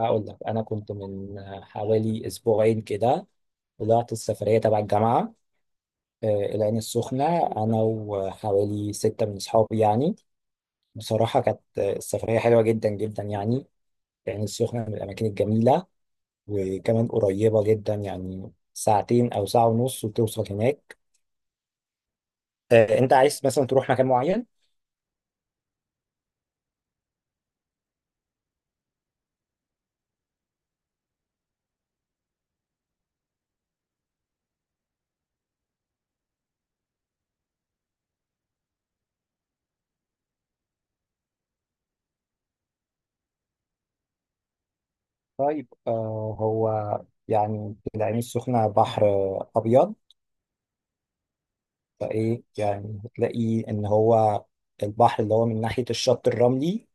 هقول لك، انا كنت من حوالي اسبوعين كده. طلعت السفريه تبع الجامعه، آه، العين السخنه، انا وحوالي 6 من اصحابي يعني. بصراحه كانت السفريه حلوه جدا جدا يعني. العين السخنه من الاماكن الجميله، وكمان قريبه جدا، يعني ساعتين او ساعه ونص وتوصل هناك. انت عايز مثلا تروح مكان معين؟ طيب، هو يعني العين السخنه بحر ابيض، فايه يعني هتلاقي ان هو البحر اللي هو من ناحيه الشط الرملي،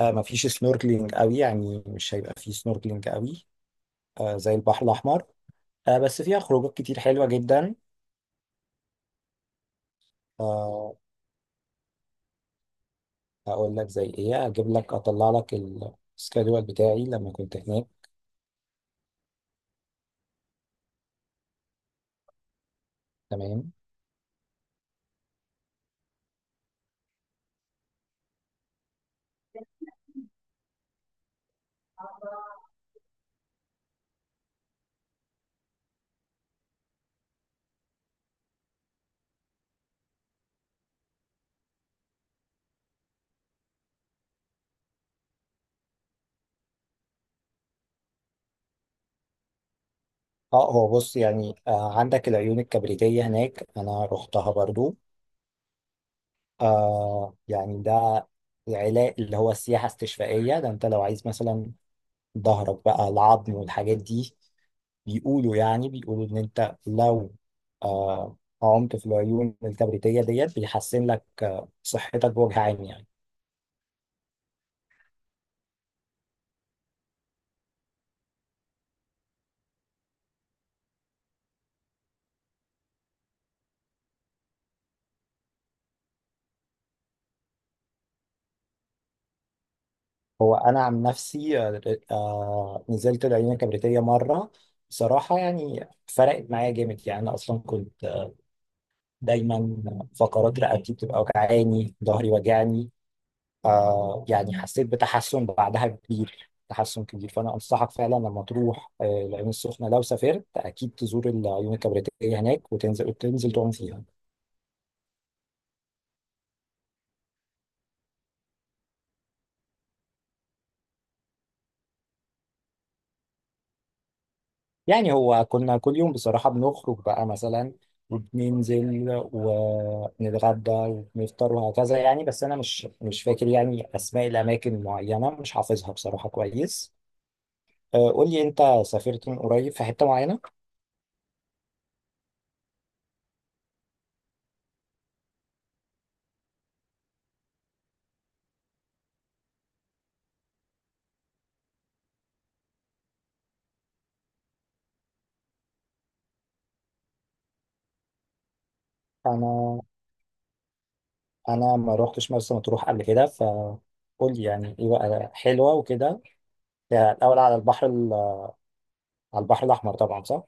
مفيش سنوركلينج قوي. يعني مش هيبقى فيه سنوركلينج قوي زي البحر الاحمر. بس فيها خروجات كتير حلوه جدا. آه اقول لك زي ايه، اجيب لك اطلع لك السكادول بتاعي لما كنت هناك. تمام. اه هو بص، يعني عندك العيون الكبريتيه هناك، انا رحتها برضو. يعني ده العلاج اللي هو السياحه استشفائيه ده. انت لو عايز مثلا ظهرك بقى، العظم والحاجات دي، بيقولوا، يعني بيقولوا ان انت لو آه عمت في العيون الكبريتية ديت، بيحسن لك صحتك بوجه عام يعني. هو انا عن نفسي، نزلت العيون الكبريتية مرة. بصراحة يعني فرقت معايا جامد يعني. انا اصلا كنت دايما فقرات رقبتي بتبقى وجعاني، ظهري وجعني. يعني حسيت بتحسن بعدها كبير، تحسن كبير. فانا انصحك فعلا لما تروح العين السخنه لو سافرت، اكيد تزور العيون الكبريتيه هناك وتنزل، تعوم فيها. يعني هو كنا كل يوم بصراحه بنخرج بقى مثلا، وبننزل ونتغدى ونفطر وهكذا يعني. بس انا مش فاكر يعني اسماء الاماكن معينه، مش حافظها بصراحه كويس. قول لي انت، سافرت من قريب في حته معينه؟ انا انا ما روحتش مرسى مطروح قبل كده. فقول لي يعني ايه بقى، حلوه وكده؟ ده الاول على البحر الاحمر طبعا، صح؟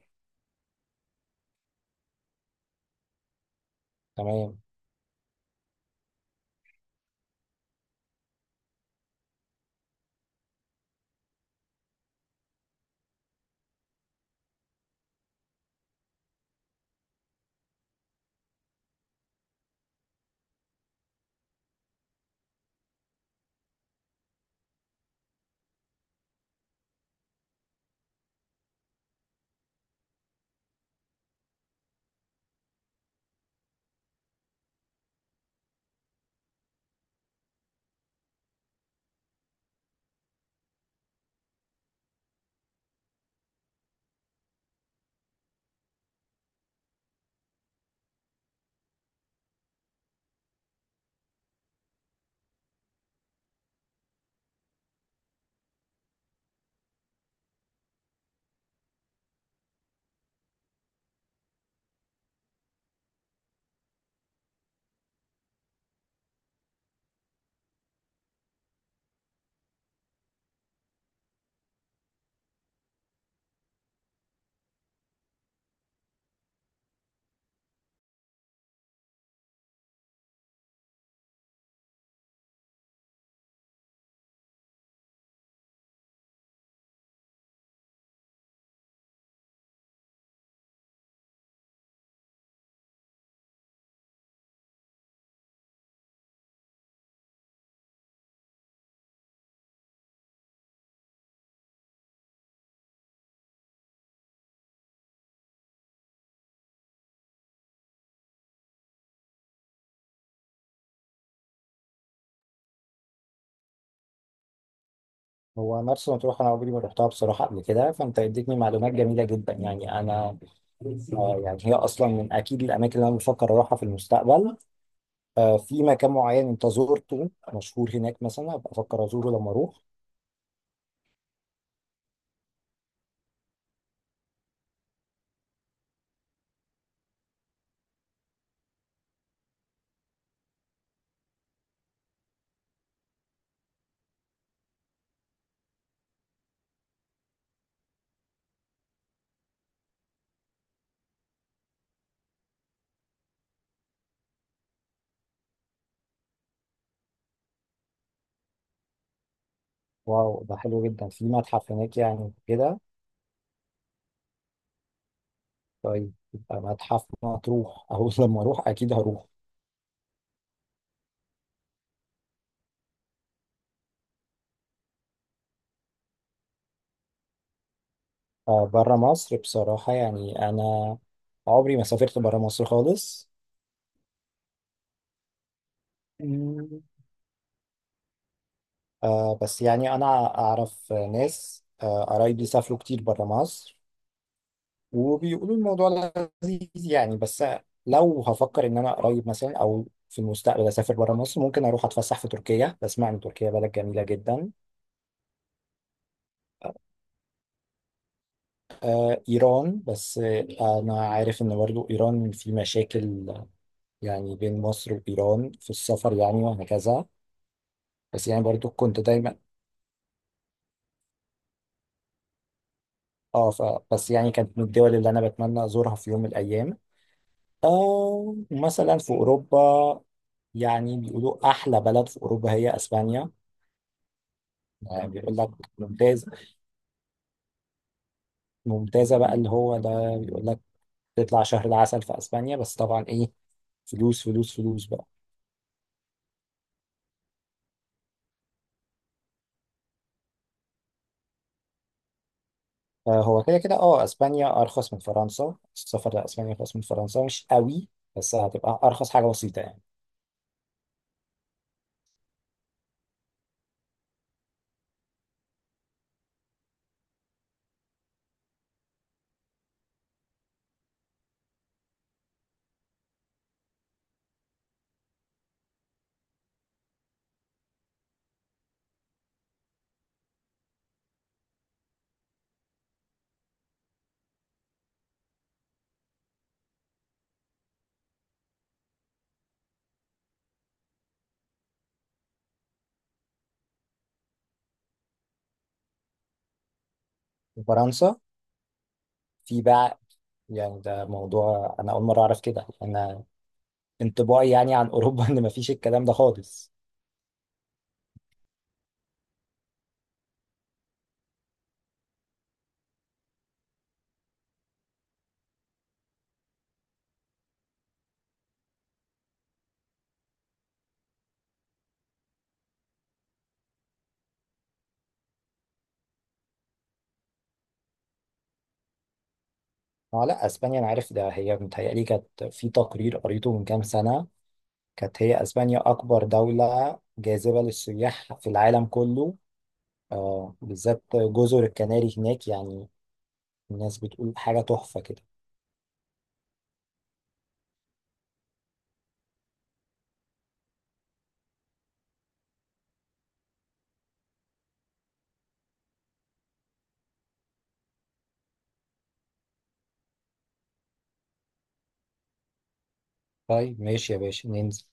تمام. هو مرسى مطروح انا عمري ما روحتها بصراحه قبل كده. فانت اديتني معلومات جميله جدا يعني. انا يعني هي اصلا من اكيد الاماكن اللي انا بفكر اروحها في المستقبل. في مكان معين انت زرته مشهور هناك مثلا، ابقى افكر ازوره لما اروح؟ واو، ده حلو جدا، في متحف هناك يعني كده. طيب يبقى متحف مطروح اهو، لما اروح اكيد هروح. بره مصر بصراحة يعني أنا عمري ما سافرت بره مصر خالص. مم. بس يعني أنا أعرف ناس، قرايبي سافروا كتير بره مصر وبيقولوا الموضوع لذيذ يعني. بس لو هفكر إن أنا قريب مثلا أو في المستقبل أسافر بره مصر، ممكن أروح أتفسح في تركيا. بسمع إن تركيا بلد جميلة جدا. إيران، بس أنا عارف إن برضو إيران في مشاكل، يعني بين مصر وإيران في السفر يعني وهكذا. بس يعني برضو كنت دايما اه ف... بس يعني كانت من الدول اللي انا بتمنى ازورها في يوم من الايام. مثلا في اوروبا، يعني بيقولوا احلى بلد في اوروبا هي اسبانيا. يعني بيقول لك ممتاز، ممتازه بقى اللي هو ده. بيقول لك تطلع شهر العسل في اسبانيا، بس طبعا ايه، فلوس فلوس فلوس بقى. فهو كده كده، اسبانيا ارخص من فرنسا. السفر لاسبانيا ارخص من فرنسا، مش قوي، بس هتبقى ارخص حاجه بسيطه يعني. فرنسا، في بقى، يعني ده موضوع انا اول مره اعرف كده. انا انطباعي يعني عن اوروبا ان مفيش الكلام ده خالص. اه لا، اسبانيا انا عارف ده. هي متهيألي كانت في تقرير قريته من كام سنه، كانت هي اسبانيا اكبر دوله جاذبه للسياح في العالم كله. بالذات جزر الكناري هناك، يعني الناس بتقول حاجه تحفه كده. طيب، ماشي يا باشا، ننزل.